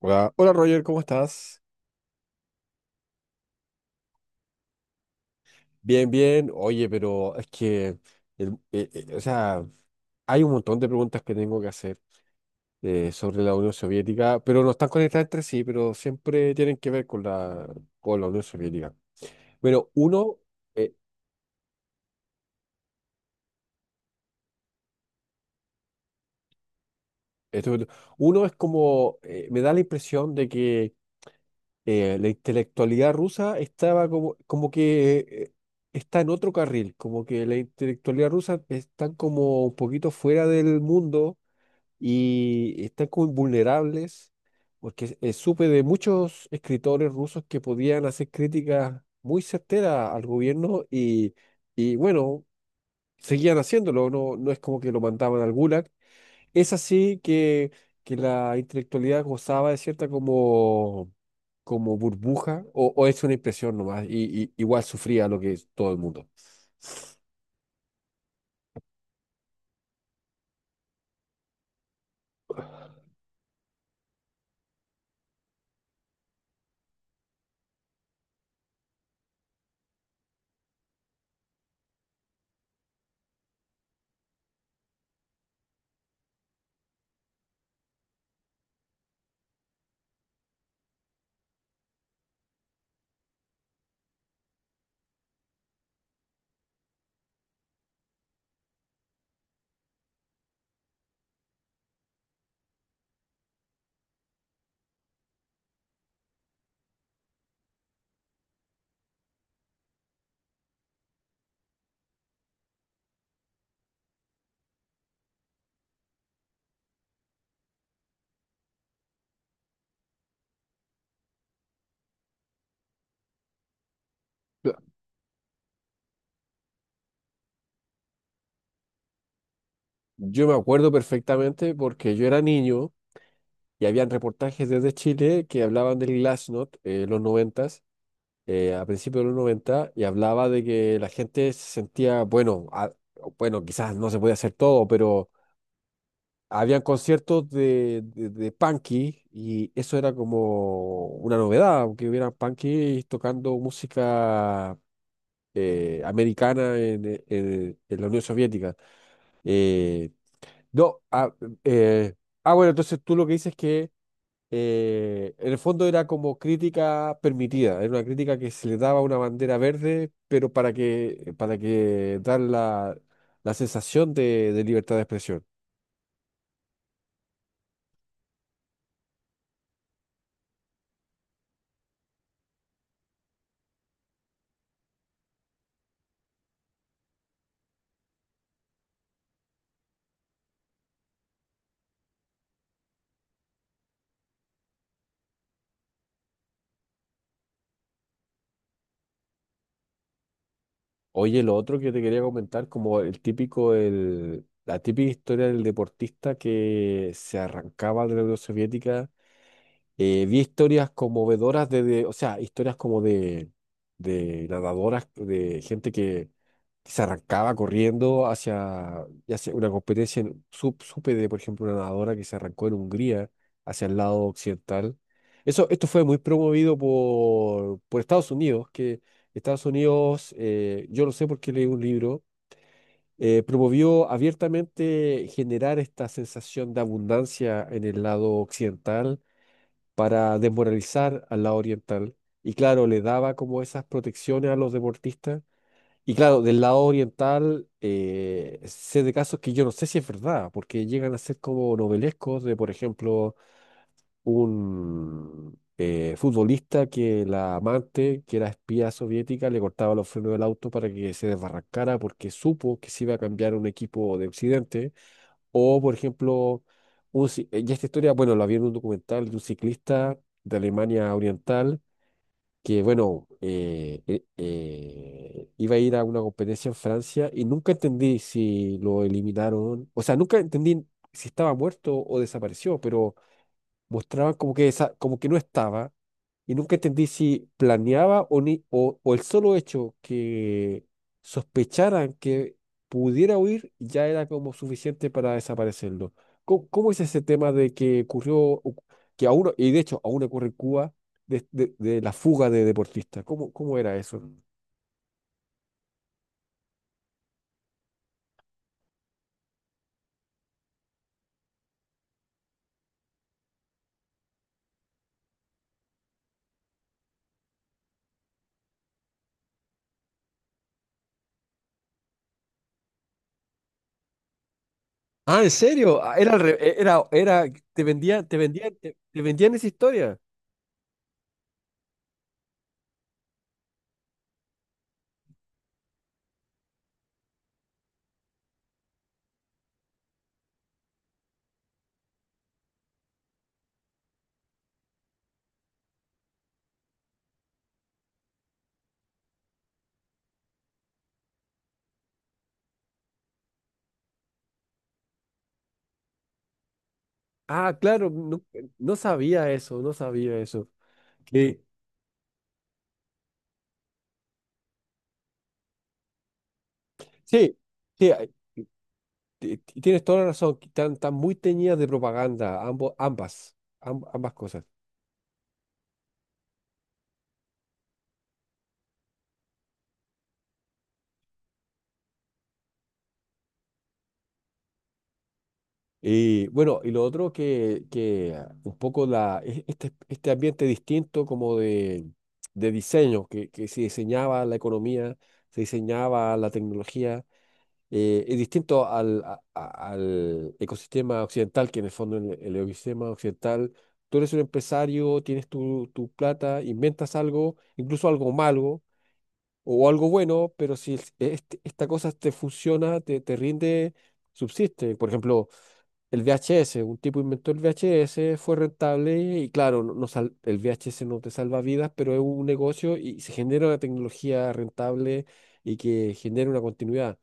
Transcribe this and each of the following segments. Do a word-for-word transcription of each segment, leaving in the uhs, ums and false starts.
Hola, hola Roger, ¿cómo estás? Bien, bien. Oye, pero es que, el- eh, eh, o sea, hay un montón de preguntas que tengo que hacer eh, sobre la Unión Soviética, pero no están conectadas entre sí, pero siempre tienen que ver con la, con la Unión Soviética. Bueno, uno, eh, esto- uno es como, eh, me da la impresión de que eh, la intelectualidad rusa estaba como, como que eh, está en otro carril, como que la intelectualidad rusa está como un poquito fuera del mundo y están como vulnerables, porque eh, supe de muchos escritores rusos que podían hacer críticas muy certeras al gobierno y, y bueno, seguían haciéndolo, no, no es como que lo mandaban al Gulag. Es así que, que la intelectualidad gozaba de cierta como, como burbuja, o, o es una impresión nomás, y, y igual sufría lo que es todo el mundo. Yo me acuerdo perfectamente porque yo era niño. Y habían reportajes desde Chile que hablaban del Glasnost, eh, los noventas, eh, a principios de los noventa y hablaba de que la gente se sentía, bueno, a- bueno, quizás no se podía hacer todo, pero habían conciertos de, de, de punky y eso era como una novedad, aunque hubiera punky tocando música eh, americana en, e, en- en la Unión Soviética. Eh, no, ah, eh, ah, bueno, entonces tú lo que dices es que eh, en el fondo era como crítica permitida, era una crítica que se le daba una bandera verde, pero para que, para que dar la, la sensación de, de libertad de expresión. Oye, lo otro que te quería comentar, como el típico, el, la típica historia del deportista que se arrancaba de la Unión Soviética. Eh, vi historias conmovedoras de, de- o sea, historias como de, de nadadoras, de gente que se arrancaba corriendo hacia ya una competencia. En- su- supe de, por ejemplo, una nadadora que se arrancó en Hungría hacia el lado occidental. Eso, esto fue muy promovido por, por Estados Unidos, que Estados Unidos, eh, yo lo sé porque leí un libro, eh, promovió abiertamente generar esta sensación de abundancia en el lado occidental para desmoralizar al lado oriental. Y claro, le daba como esas protecciones a los deportistas. Y claro, del lado oriental, eh, sé de casos que yo no sé si es verdad, porque llegan a ser como novelescos de, por ejemplo, un eh, futbolista que la amante, que era espía soviética, le cortaba los frenos del auto para que se desbarrancara porque supo que se iba a cambiar un equipo de Occidente. O, por ejemplo, un ci- eh, y esta historia, bueno, la vi en un documental de un ciclista de Alemania Oriental que, bueno, eh, eh, eh, iba a ir a una competencia en Francia y nunca entendí si lo eliminaron, o sea, nunca entendí si estaba muerto o desapareció, pero mostraban como que, esa, como que no estaba. Y nunca entendí si planeaba o, ni, o, o el solo hecho que sospecharan que pudiera huir ya era como suficiente para desaparecerlo. ¿Cómo, cómo es ese tema de que ocurrió, o- que aún, y de hecho aún ocurre en Cuba, de, de- de la fuga de deportistas? ¿Cómo, cómo era eso? Ah, ¿en serio? Ah, Era, al re- eh, era, era, te vendían, te vendían, te, te vendían esa historia. Ah, claro, no, no sabía eso, no sabía eso. Que sí, sí. Ti- ti- Tienes toda la razón, que están, están muy teñidas de propaganda, ambos, ambas, am- ambas cosas. Y bueno, y lo otro que, que ah, un poco la, e- este, este ambiente distinto como de, de diseño, que, que se diseñaba la economía, se diseñaba la tecnología, eh, es distinto al, a- a- al ecosistema occidental, que en el fondo el, el ecosistema occidental, tú eres un empresario, tienes tu, tu plata, inventas algo, incluso algo malo o algo bueno, pero si es- este- esta cosa te funciona, te, te rinde, subsiste. Por ejemplo, el V H S, un tipo inventó el V H S, fue rentable y claro, no, no sal- el V H S no te salva vidas, pero es un negocio y se genera una tecnología rentable y que genera una continuidad.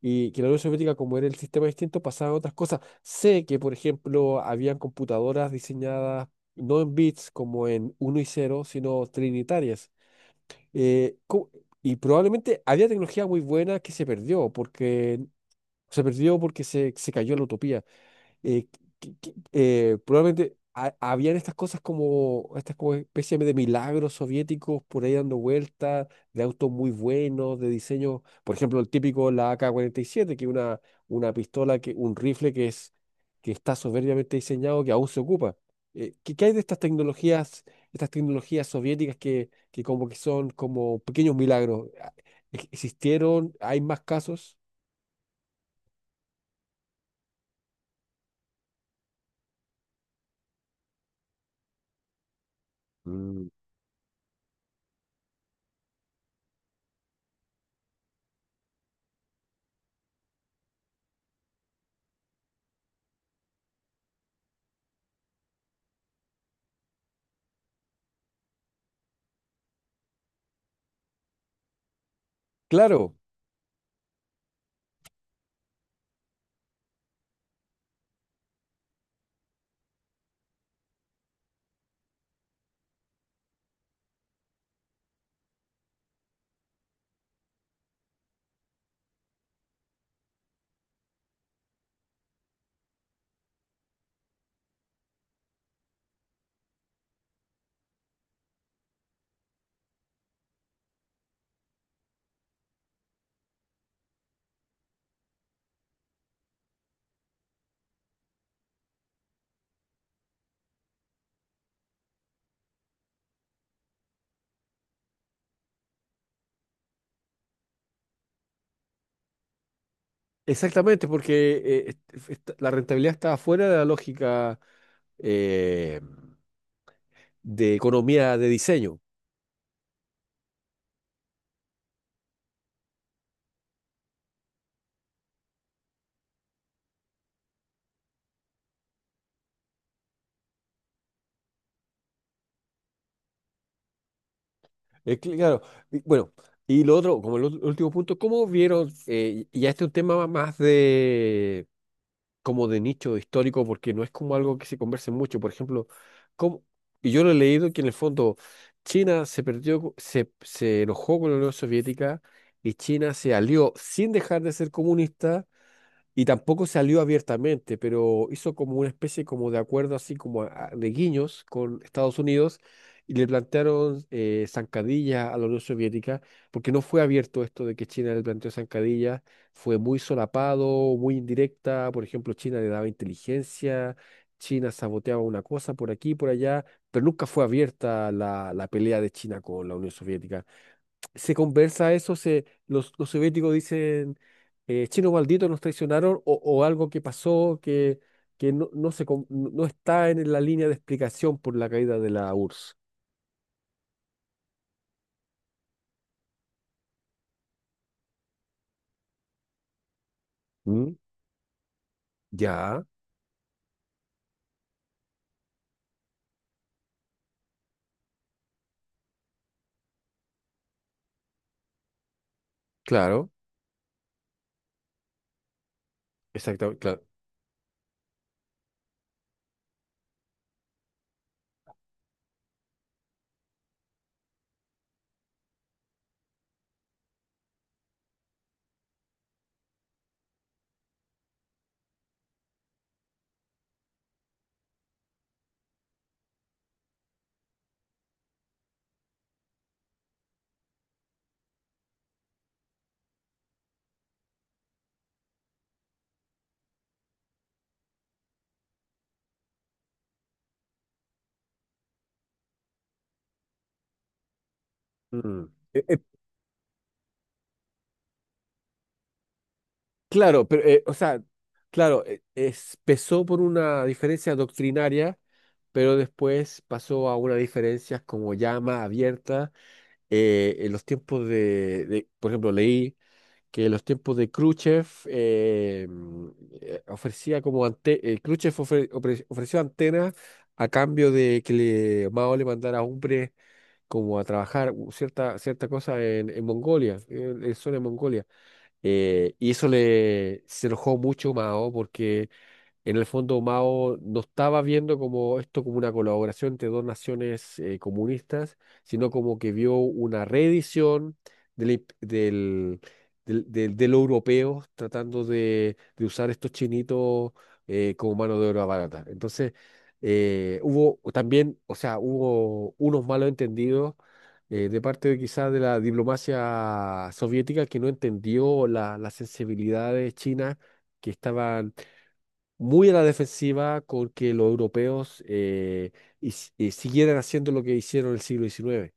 Y que la Unión Soviética, como era el sistema distinto, pasaba a otras cosas. Sé que, por ejemplo, habían computadoras diseñadas no en bits como en uno y cero sino trinitarias eh, cu- y probablemente había tecnología muy buena que se perdió porque se perdió porque se, se cayó la utopía eh, que- que- eh, probablemente ha- habían estas cosas como, estas como especie de milagros soviéticos por ahí dando vueltas, de autos muy buenos, de diseño, por ejemplo, el típico, la ak siete que es una, una pistola, que, un rifle que es, que está soberbiamente diseñado, que aún se ocupa. Eh, ¿qué, qué hay de estas tecnologías, estas tecnologías soviéticas que, que como que son como pequeños milagros? Ah, ¿ex- ¿Existieron? ¿Hay más casos? Mm. Claro. Exactamente, porque eh, est- est- la rentabilidad está fuera de la lógica eh, de economía de diseño. Eh, cl- claro, y bueno, y lo otro, como el ul- último punto, ¿cómo vieron, eh, y- ya este es un tema más de, como de nicho histórico porque no es como algo que se converse mucho. Por ejemplo, como, y yo lo he leído que en el fondo China se perdió, co- se, se enojó con la Unión Soviética y China se alió sin dejar de ser comunista y tampoco salió abiertamente, pero hizo como una especie como de acuerdo así como a- a- de guiños con Estados Unidos y le plantearon eh, zancadilla a la Unión Soviética, porque no fue abierto esto de que China le planteó zancadillas, fue muy solapado, muy indirecta, por ejemplo, China le daba inteligencia, China saboteaba una cosa por aquí, por allá, pero nunca fue abierta la, la pelea de China con la Unión Soviética. Se conversa eso, se, los, los soviéticos dicen, eh, chino maldito, nos traicionaron, o, o algo que pasó que, que no, no, se, com- no, no está en la línea de explicación por la caída de la U R S S. Mm, ya, claro, exactamente, claro. Mm. Eh, eh, claro, pero, eh, o sea, claro, eh, es- empezó por una diferencia doctrinaria, pero después pasó a unas diferencias como ya más abiertas. Eh, en los tiempos de, de, por ejemplo, leí que los tiempos de Khrushchev eh, mm, eh, ofrecía como ante, eh, Khrushchev ofre- ofre- ofreció antenas a cambio de que le, Mao le mandara hombres como a trabajar u- cierta, cierta cosa en, en Mongolia, en, en zona de Mongolia. Eh, y eso le se enojó mucho Mao porque en el fondo, Mao no estaba viendo como esto como una colaboración entre dos naciones eh, comunistas, sino como que vio una reedición del, imp- del, del, del- de lo europeo tratando de, de usar estos chinitos eh, como mano de obra barata. Entonces, eh, hubo también, o sea, hubo unos malos entendidos eh, de parte de quizás de la diplomacia soviética que no entendió la- las sensibilidades chinas que estaban muy a la defensiva con que los europeos eh, his- eh, siguieran haciendo lo que hicieron en el siglo diecinueve.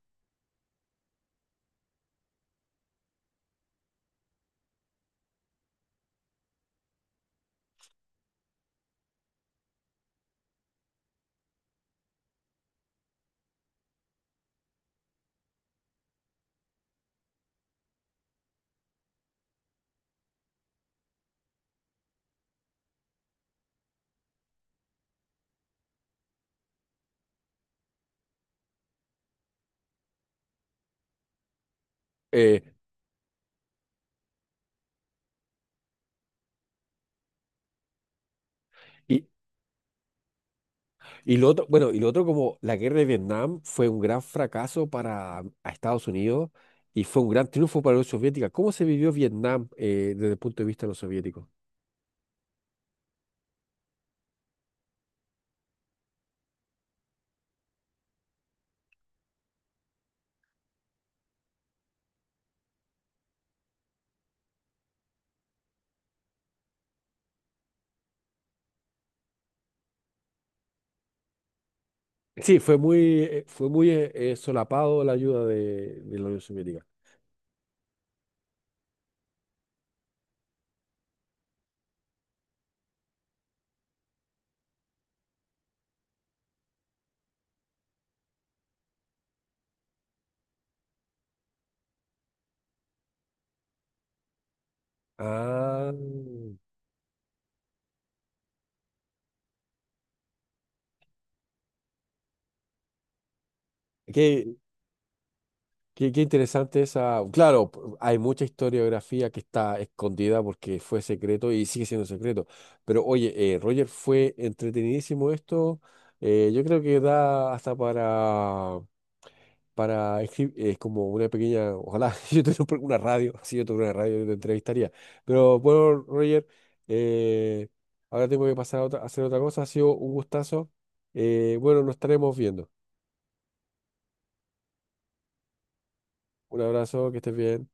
Eh, y, y lo otro, bueno, y lo otro como la guerra de Vietnam fue un gran fracaso para a Estados Unidos y fue un gran triunfo para la Unión Soviética. ¿Cómo se vivió Vietnam eh, desde el punto de vista de los soviéticos? Sí, fue muy, eh, fue muy eh, eh, solapado la ayuda de, de la Unión Soviética. Ah, ok. Qué, qué interesante esa. Claro, p- hay mucha historiografía que está escondida porque fue secreto y sigue siendo secreto. Pero oye, eh, Roger, fue entretenidísimo esto. Eh, yo creo que da hasta para, para escri- eh, como una pequeña, ojalá yo tuviera un una radio, si yo tuviera una radio yo te entrevistaría. Pero bueno, Roger, eh, ahora tengo que pasar a, otra- a hacer otra cosa. Ha sido un gustazo. Eh, bueno, nos estaremos viendo. Un abrazo, que estés bien.